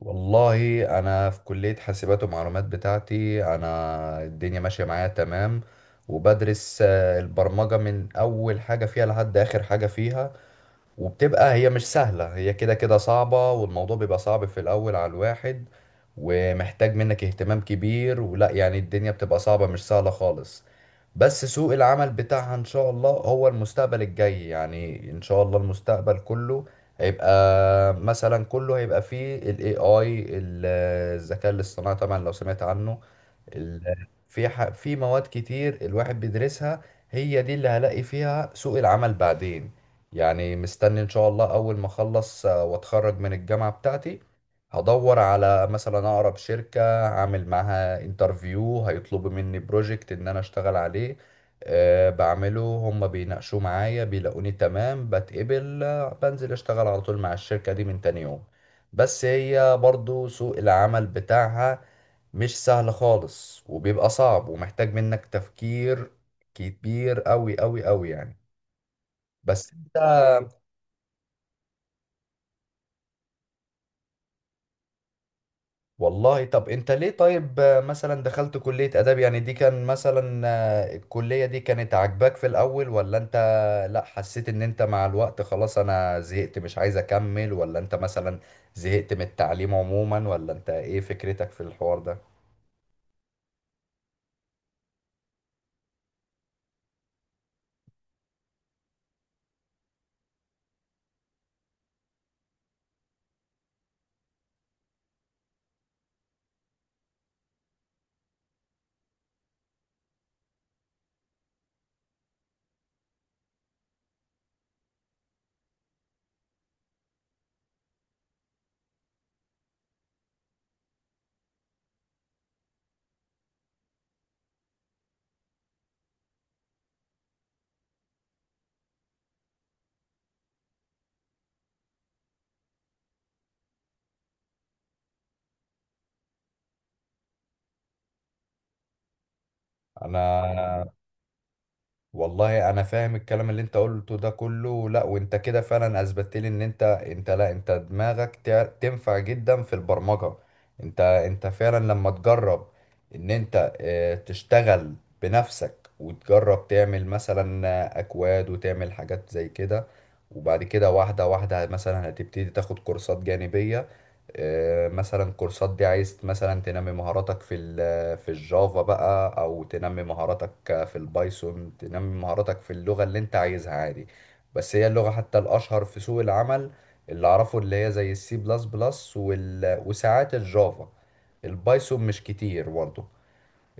والله انا في كلية حاسبات ومعلومات بتاعتي، انا الدنيا ماشية معايا تمام. وبدرس البرمجة من اول حاجة فيها لحد اخر حاجة فيها. وبتبقى هي مش سهلة، هي كده كده صعبة، والموضوع بيبقى صعب في الأول على الواحد، ومحتاج منك اهتمام كبير، ولا يعني الدنيا بتبقى صعبة، مش سهلة خالص. بس سوق العمل بتاعها إن شاء الله هو المستقبل الجاي، يعني إن شاء الله المستقبل كله هيبقى مثلا، كله هيبقى فيه ال AI الذكاء الاصطناعي طبعا لو سمعت عنه. في مواد كتير الواحد بيدرسها، هي دي اللي هلاقي فيها سوق العمل بعدين. يعني مستني ان شاء الله اول ما اخلص واتخرج من الجامعة بتاعتي، هدور على مثلا اقرب شركة، اعمل معاها انترفيو، هيطلبوا مني بروجكت ان انا اشتغل عليه. بعمله، هم بيناقشوا معايا، بيلاقوني تمام، بتقبل بنزل اشتغل على طول مع الشركة دي من تاني يوم. بس هي برضو سوق العمل بتاعها مش سهل خالص، وبيبقى صعب، ومحتاج منك تفكير كبير قوي قوي قوي يعني. بس انت والله، طب انت ليه طيب مثلا دخلت كلية آداب؟ يعني دي كان مثلا الكلية دي كانت عاجباك في الأول، ولا انت لا حسيت ان انت مع الوقت خلاص انا زهقت مش عايز اكمل، ولا انت مثلا زهقت من التعليم عموما، ولا انت ايه فكرتك في الحوار ده؟ انا والله انا فاهم الكلام اللي انت قلته ده كله، لا وانت كده فعلا اثبتت لي ان انت لا انت دماغك تنفع جدا في البرمجة. انت فعلا لما تجرب ان انت تشتغل بنفسك، وتجرب تعمل مثلا اكواد، وتعمل حاجات زي كده، وبعد كده واحدة واحدة مثلا هتبتدي تاخد كورسات جانبية مثلا. كورسات دي عايز مثلا تنمي مهاراتك في الجافا بقى، او تنمي مهاراتك في البايثون، تنمي مهاراتك في اللغة اللي انت عايزها عادي. بس هي اللغة حتى الاشهر في سوق العمل اللي اعرفه اللي هي زي السي بلس بلس وساعات الجافا، البايثون مش كتير برضه.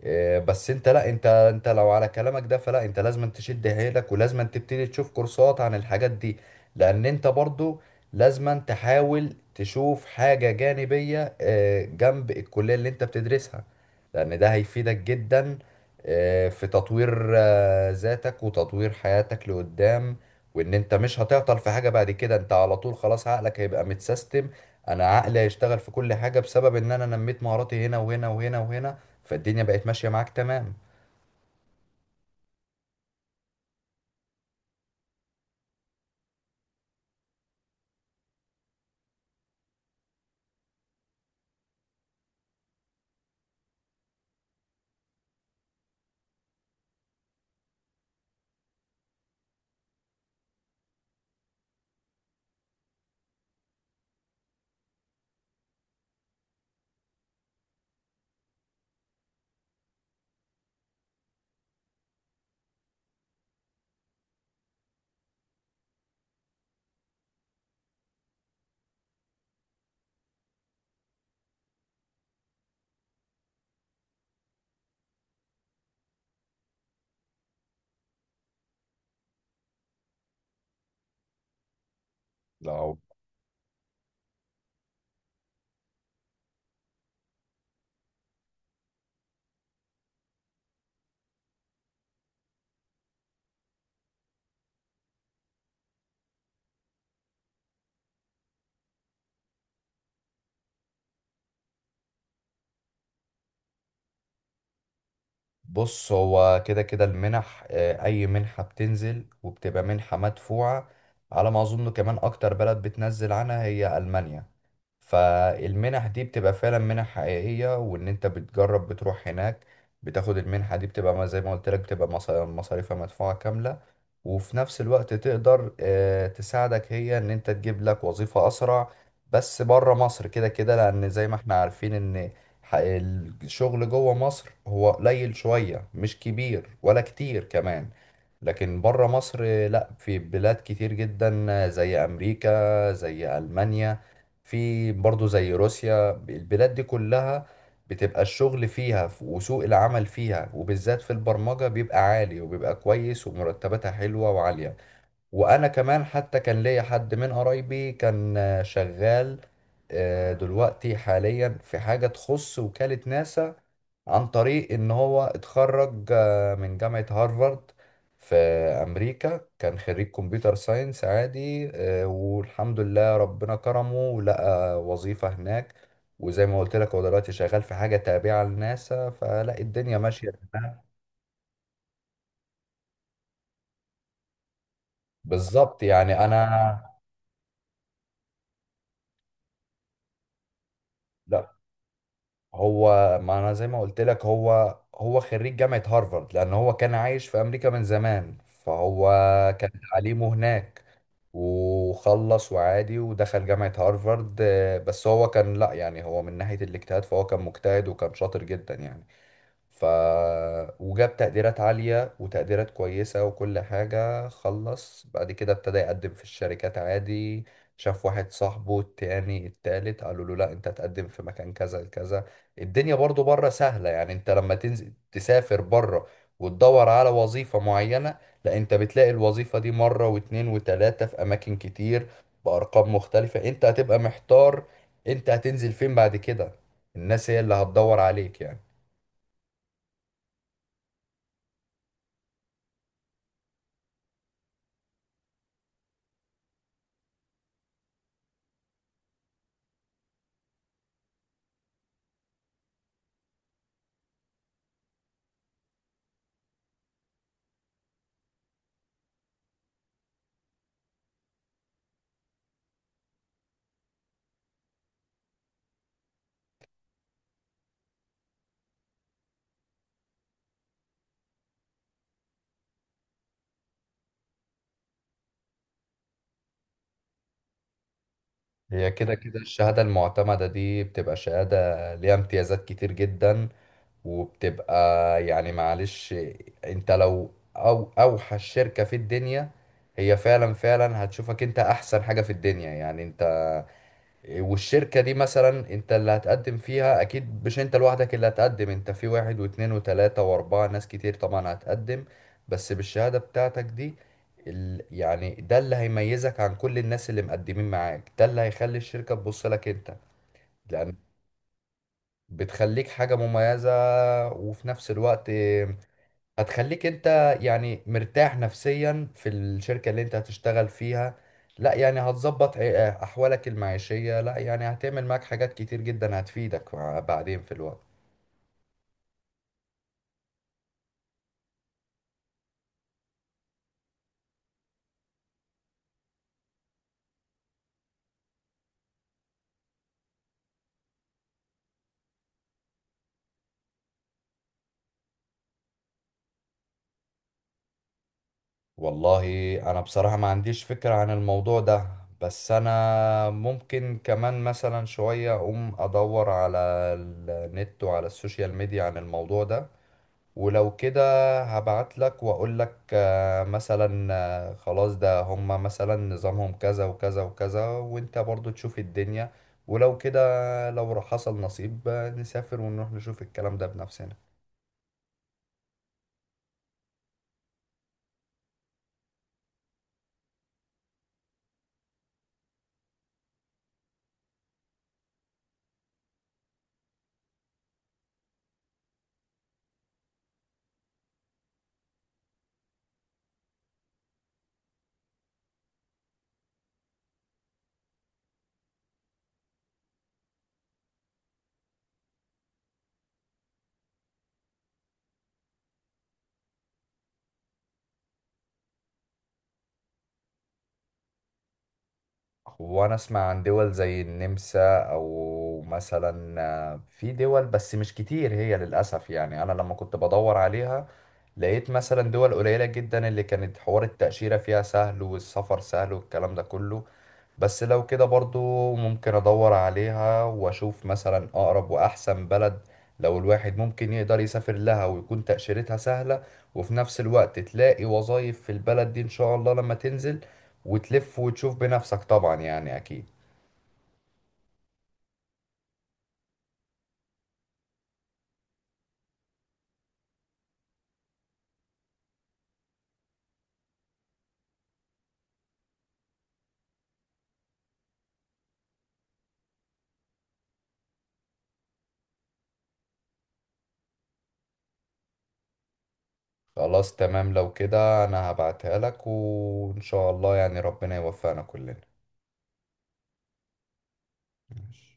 إيه، بس انت لا انت لو على كلامك ده فلا انت لازم تشد حيلك، ولازم تبتدي تشوف كورسات عن الحاجات دي. لان انت برضو لازم تحاول تشوف حاجة جانبية جنب الكلية اللي انت بتدرسها، لان ده هيفيدك جدا في تطوير ذاتك وتطوير حياتك لقدام. وان انت مش هتعطل في حاجة بعد كده، انت على طول خلاص عقلك هيبقى متسيستم. انا عقلي هيشتغل في كل حاجه بسبب ان انا نميت مهاراتي هنا وهنا وهنا وهنا، فالدنيا بقت ماشيه معاك تمام. لا، بص هو كده كده المنح اي منحة بتنزل وبتبقى منحة مدفوعة. على ما اظن كمان اكتر بلد بتنزل عنها هي المانيا. فالمنح دي بتبقى فعلا منح حقيقية، وان انت بتجرب بتروح هناك، بتاخد المنحة دي، بتبقى زي ما قلت لك بتبقى مصاريفها مدفوعة كاملة. وفي نفس الوقت تقدر تساعدك هي ان انت تجيب لك وظيفة اسرع. بس بره مصر كده كده، لان زي ما احنا عارفين ان ح- الشغل جوه مصر هو قليل شوية، مش كبير ولا كتير كمان. لكن بره مصر لا، في بلاد كتير جدا، زي أمريكا، زي ألمانيا، في برضو زي روسيا، البلاد دي كلها بتبقى الشغل فيها وسوق العمل فيها، وبالذات في البرمجة، بيبقى عالي وبيبقى كويس، ومرتباتها حلوة وعالية. وانا كمان حتى كان ليا حد من قرايبي كان شغال دلوقتي حاليا في حاجة تخص وكالة ناسا، عن طريق ان هو اتخرج من جامعة هارفارد في امريكا، كان خريج كمبيوتر ساينس عادي والحمد لله ربنا كرمه، ولقى وظيفة هناك. وزي ما قلت لك هو دلوقتي شغال في حاجة تابعة لناسا، فلا الدنيا ماشية تمام. بالظبط يعني انا، لا، هو ما انا زي ما قلت لك هو خريج جامعة هارفارد، لان هو كان عايش في امريكا من زمان، فهو كان تعليمه هناك، وخلص وعادي ودخل جامعة هارفارد بس هو كان، لا، يعني هو من ناحية الاجتهاد فهو كان مجتهد وكان شاطر جدا يعني. ف وجاب تقديرات عالية وتقديرات كويسة، وكل حاجة خلص، بعد كده ابتدى يقدم في الشركات عادي. شاف واحد صاحبه التاني التالت قالوا له لا انت هتقدم في مكان كذا كذا. الدنيا برضو بره سهلة، يعني انت لما تنزل تسافر بره وتدور على وظيفة معينة، لا انت بتلاقي الوظيفة دي مرة واتنين وتلاتة في اماكن كتير، بارقام مختلفة، انت هتبقى محتار انت هتنزل فين بعد كده. الناس هي اللي هتدور عليك يعني. هي كده كده الشهادة المعتمدة دي بتبقى شهادة ليها امتيازات كتير جدا، وبتبقى يعني معلش انت لو او اوحش شركة في الدنيا هي فعلا فعلا هتشوفك انت احسن حاجة في الدنيا، يعني انت. والشركة دي مثلا انت اللي هتقدم فيها اكيد، مش انت لوحدك اللي هتقدم، انت في واحد واتنين وتلاتة واربعة ناس كتير طبعا هتقدم. بس بالشهادة بتاعتك دي يعني ده اللي هيميزك عن كل الناس اللي مقدمين معاك، ده اللي هيخلي الشركة تبص لك انت، لان بتخليك حاجة مميزة. وفي نفس الوقت هتخليك انت يعني مرتاح نفسيا في الشركة اللي انت هتشتغل فيها، لا يعني هتظبط احوالك المعيشية، لا يعني هتعمل معاك حاجات كتير جدا هتفيدك بعدين في الوقت. والله انا بصراحة ما عنديش فكرة عن الموضوع ده. بس انا ممكن كمان مثلا شوية اقوم ادور على النت وعلى السوشيال ميديا عن الموضوع ده، ولو كده هبعت لك واقول لك مثلا خلاص، ده هما مثلا نظامهم كذا وكذا وكذا، وانت برضو تشوف الدنيا. ولو كده لو حصل نصيب نسافر ونروح نشوف الكلام ده بنفسنا. وانا اسمع عن دول زي النمسا او مثلا في دول بس مش كتير هي للاسف يعني. انا لما كنت بدور عليها لقيت مثلا دول قليلة جدا اللي كانت حوار التأشيرة فيها سهل والسفر سهل والكلام ده كله. بس لو كده برضو ممكن ادور عليها واشوف مثلا اقرب واحسن بلد، لو الواحد ممكن يقدر يسافر لها ويكون تأشيرتها سهلة، وفي نفس الوقت تلاقي وظائف في البلد دي ان شاء الله لما تنزل وتلف وتشوف بنفسك طبعا يعني اكيد. خلاص تمام لو كده انا هبعتها لك، وان شاء الله يعني ربنا يوفقنا كلنا. ماشي.